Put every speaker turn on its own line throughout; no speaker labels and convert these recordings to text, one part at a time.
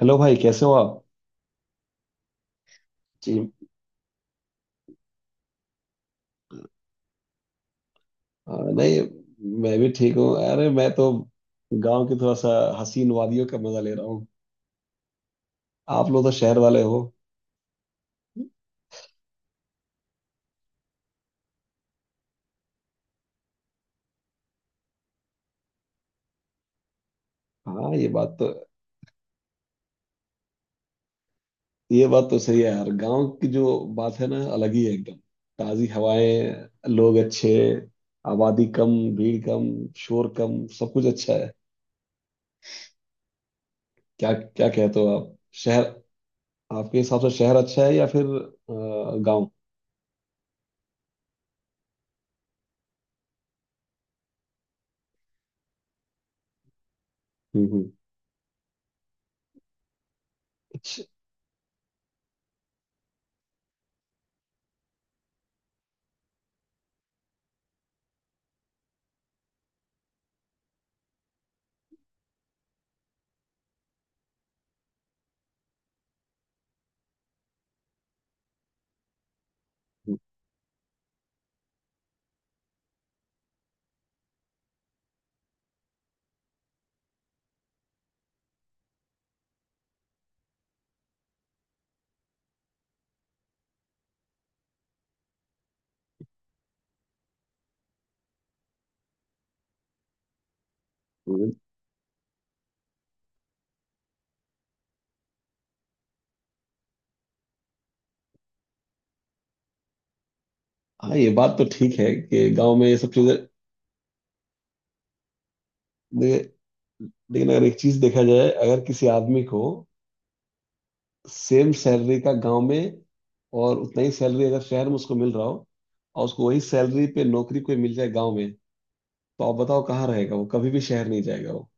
Hello भाई कैसे हो आप जी नहीं मैं भी ठीक हूँ। अरे मैं तो गांव की थोड़ा सा हसीन वादियों का मजा ले रहा हूँ। आप लोग तो शहर वाले हो। हाँ ये बात तो सही है यार। गांव की जो बात है ना अलग ही है एकदम। ताजी हवाएं, लोग अच्छे, आबादी कम, भीड़ कम, शोर कम, सब कुछ अच्छा है। क्या क्या कहते हो आप, शहर? आपके हिसाब से शहर अच्छा है या फिर गांव? हम्म। अच्छा। हाँ ये बात तो ठीक है कि गांव में ये सब चीजें। ले, लेकिन अगर एक चीज देखा जाए, अगर किसी आदमी को सेम सैलरी का गांव में, और उतना ही सैलरी अगर शहर में उसको मिल रहा हो, और उसको वही सैलरी पे नौकरी कोई मिल जाए गांव में, तो आप बताओ कहाँ रहेगा? वो कभी भी शहर नहीं जाएगा वो।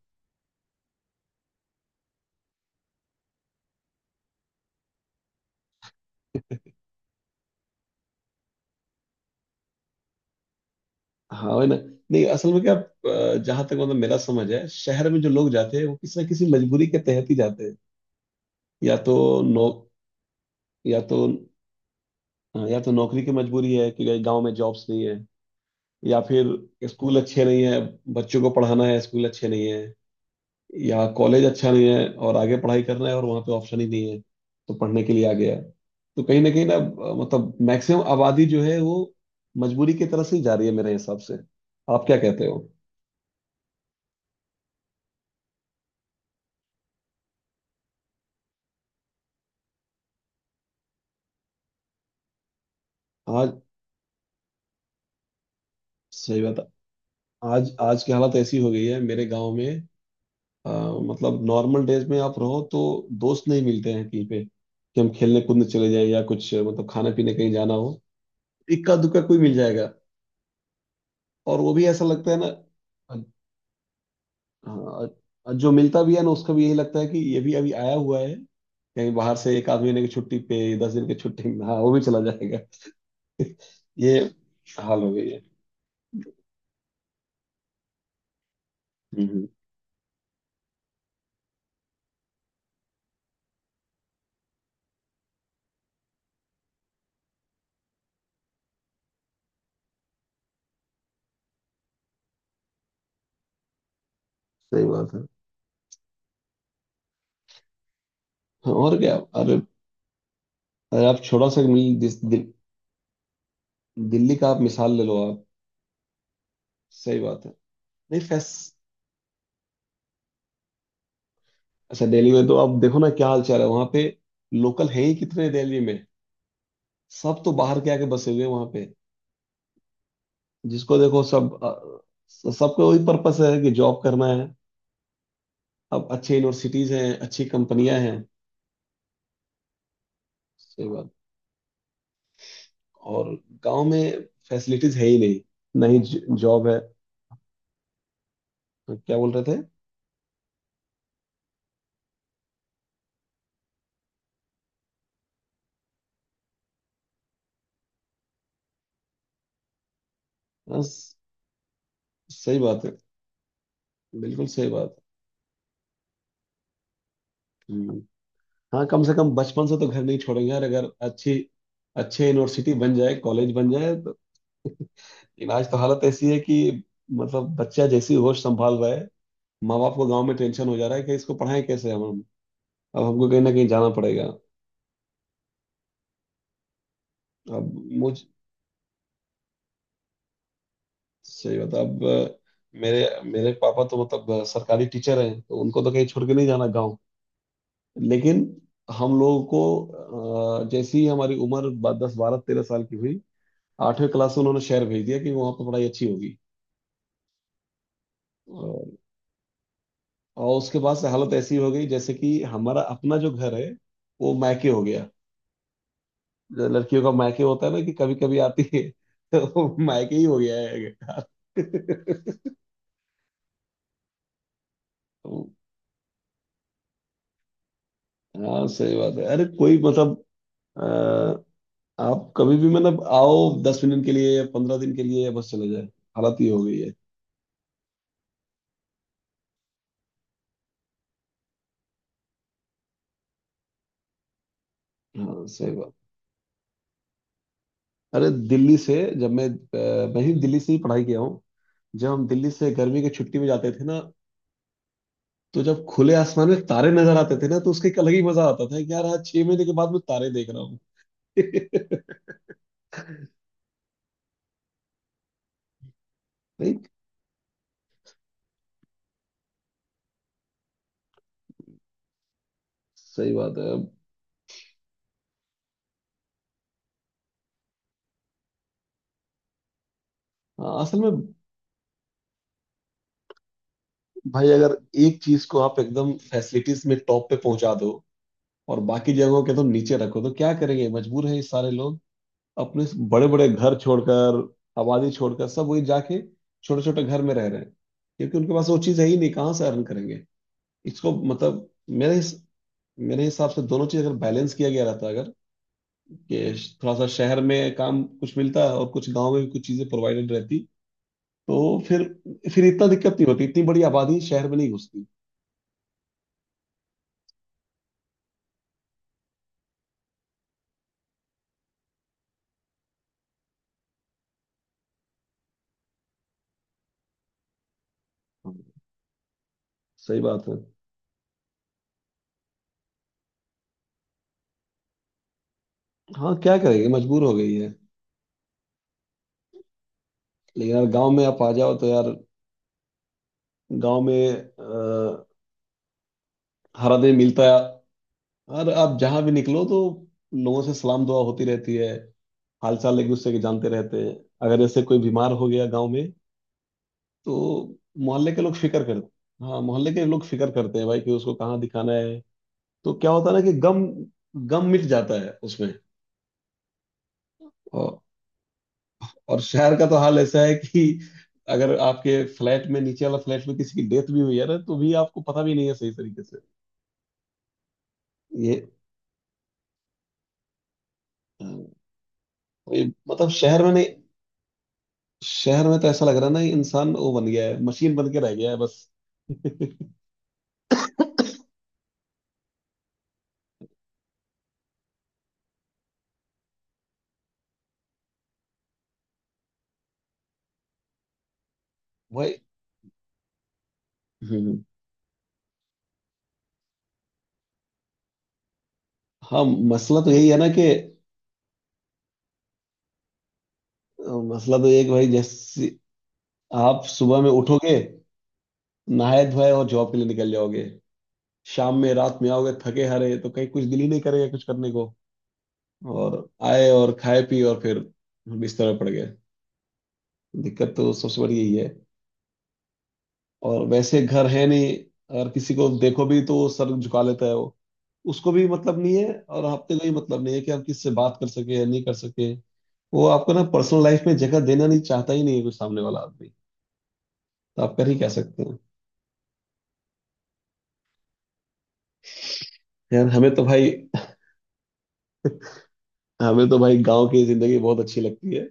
हाँ वही ना। नहीं असल में क्या, जहाँ तक मतलब मेरा समझ है शहर में जो लोग जाते हैं वो किसी ना किसी मजबूरी के तहत ही जाते हैं। या तो नौ या तो, हाँ, या तो नौकरी की मजबूरी है कि गांव में जॉब्स नहीं है, या फिर स्कूल अच्छे नहीं है। बच्चों को पढ़ाना है, स्कूल अच्छे नहीं है, या कॉलेज अच्छा नहीं है और आगे पढ़ाई करना है और वहाँ पे ऑप्शन ही नहीं है, तो पढ़ने के लिए आ गया। तो कहीं ना मतलब मैक्सिमम आबादी जो है वो मजबूरी की तरह से ही जा रही है मेरे हिसाब से। आप क्या कहते हो? आज सही बात है। आज आज की हालत ऐसी हो गई है मेरे गांव में, अ, मतलब नॉर्मल डेज में आप रहो तो दोस्त नहीं मिलते हैं कहीं पे, कि हम खेलने कूदने चले जाएं या कुछ मतलब खाने पीने कहीं जाना हो, इक्का दुक्का कोई मिल जाएगा। और वो भी ऐसा लगता है ना, अ- हाँ, जो मिलता भी है ना उसका भी यही लगता है कि ये भी अभी आया हुआ है कहीं बाहर से, एक आध महीने की छुट्टी पे, 10 दिन की छुट्टी में। हाँ वो भी चला जाएगा। ये हाल हो गई है। हम्म, हम्म, सही बात है। हाँ, और क्या। अरे, अरे आप छोटा सा मिल दिल्ली का आप मिसाल ले लो आप। सही बात है। नहीं फैस अच्छा, दिल्ली में तो आप देखो ना क्या हाल चाल है वहाँ पे। लोकल है ही कितने दिल्ली में? सब तो बाहर के आके बसे हुए हैं वहाँ पे। जिसको देखो सब, सबका वही पर्पस है कि जॉब करना है। अब अच्छे यूनिवर्सिटीज हैं, अच्छी कंपनियां हैं। सही बात। और गांव में फैसिलिटीज है ही नहीं, ना ही जॉब है। क्या बोल रहे थे। हाँ, स- सही बात है, बिल्कुल सही बात है। हम्म। हाँ कम से कम बचपन से तो घर नहीं छोड़ेंगे यार, अगर अच्छी, अच्छे यूनिवर्सिटी बन जाए, कॉलेज बन जाए तो। इलाज तो हालत ऐसी है कि मतलब बच्चा जैसी होश संभाल रहा है, माँ बाप को गांव में टेंशन हो जा रहा है कि इसको पढ़ाएं कैसे हम। अब हमको कहीं ना कहीं जाना पड़ेगा। अब मुझ सही बता अब, मेरे मेरे पापा तो मतलब सरकारी टीचर हैं तो उनको तो कहीं छोड़ के नहीं जाना गाँव, लेकिन हम लोगों को जैसे ही हमारी उम्र 10 12 13 साल की हुई, आठवीं क्लास में उन्होंने शहर भेज दिया कि वहाँ पर पढ़ाई अच्छी होगी। और, और उसके बाद से हालत ऐसी हो गई जैसे कि हमारा अपना जो घर है वो मायके हो गया। जो लड़कियों का मायके होता है ना, कि कभी कभी आती है। तो वो मायके ही हो गया है। हाँ सही बात है। अरे कोई मतलब, अ, आप कभी भी मतलब आओ, 10 मिनट के लिए या 15 दिन के लिए या बस चले जाए। हालत ये हो गई है। हाँ सही बात। अरे दिल्ली से, जब मैं मैं ही दिल्ली से ही पढ़ाई किया हूँ। जब हम दिल्ली से गर्मी की छुट्टी में जाते थे ना, तो जब खुले आसमान में तारे नजर आते थे ना, तो उसका एक अलग ही मजा आता था कि यार आज 6 महीने के बाद मैं तारे देख रहा हूँ। नहीं सही बात है। हाँ, असल में भाई, अगर एक चीज को आप एकदम फैसिलिटीज में टॉप पे पहुंचा दो और बाकी जगहों के तुम नीचे रखो तो क्या करेंगे, मजबूर है ये सारे लोग। अपने बड़े बड़े घर छोड़कर, आबादी छोड़कर सब वही जाके छोटे छोटे घर में रह रहे हैं, क्योंकि उनके पास वो चीज़ है ही नहीं, कहाँ से अर्न करेंगे। इसको मतलब, मेरे हिस- मेरे हिसाब से दोनों चीज़ अगर बैलेंस किया गया रहता, अगर कि थोड़ा सा शहर में काम कुछ मिलता और कुछ गांव में भी कुछ चीज़ें प्रोवाइडेड रहती, तो फिर, इतना दिक्कत नहीं होती, इतनी बड़ी आबादी शहर में नहीं घुसती। हाँ, सही बात है। हाँ क्या करेंगे, मजबूर हो गई है। लेकिन यार गांव में आप आ जाओ तो यार, गांव में हर आदमी मिलता है और आप जहां भी निकलो तो लोगों से सलाम दुआ होती रहती है, हाल चाल एक दूसरे के जानते रहते हैं। अगर जैसे कोई बीमार हो गया गांव में, तो मोहल्ले के लोग फिक्र करते हैं, हाँ मोहल्ले के लोग फिक्र करते हैं भाई कि उसको कहाँ दिखाना है। तो क्या होता है ना कि गम गम मिट जाता है उसमें। और, और शहर का तो हाल ऐसा है कि अगर आपके फ्लैट में नीचे वाला फ्लैट में किसी की डेथ भी हुई है ना, तो भी आपको पता भी नहीं है सही तरीके से। ये अ, मतलब शहर में नहीं, शहर में तो ऐसा लग रहा है ना, ये इंसान वो बन गया है, मशीन बन के रह गया है बस। भाई। हम्म, हाँ मसला तो यही है ना कि मसला तो ये है कि भाई जैसे आप सुबह में उठोगे, नहाए धोए और जॉब के लिए निकल जाओगे, शाम में रात में आओगे थके हारे तो कहीं कुछ दिल ही नहीं करेगा कुछ करने को। और आए और खाए पी और फिर बिस्तर पर पड़ गए। दिक्कत तो सबसे बड़ी यही। और वैसे घर है नहीं। अगर किसी को देखो भी तो वो सर झुका लेता है वो, उसको भी मतलब नहीं है, और आपके कोई मतलब नहीं है कि आप किससे बात कर सके या नहीं कर सके। वो आपको ना पर्सनल लाइफ में जगह देना नहीं चाहता ही नहीं है कोई सामने वाला आदमी। तो आप कर ही कह सकते हैं। यार हमें तो भाई, गांव की जिंदगी बहुत अच्छी लगती है।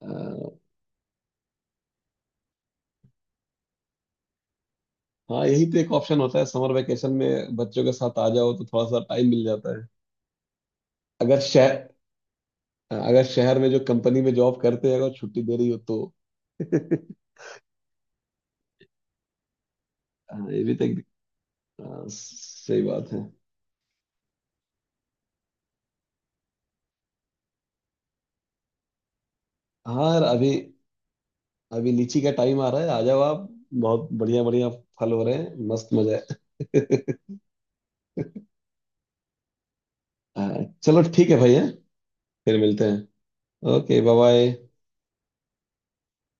अ, हाँ यही तो एक ऑप्शन होता है, समर वेकेशन में बच्चों के साथ आ जाओ तो थोड़ा सा टाइम मिल जाता है। अगर शहर अगर शहर में जो कंपनी में जॉब करते हैं अगर छुट्टी दे रही हो तो। हाँ ये भी तो एक। हाँ सही बात है। हाँ अभी अभी लीची का टाइम आ रहा है, आ जाओ आप। बहुत बढ़िया, बढ़िया फल हो रहे हैं, मस्त मजा है। हाँ चलो ठीक है भैया, फिर मिलते हैं, ओके बाय बाय।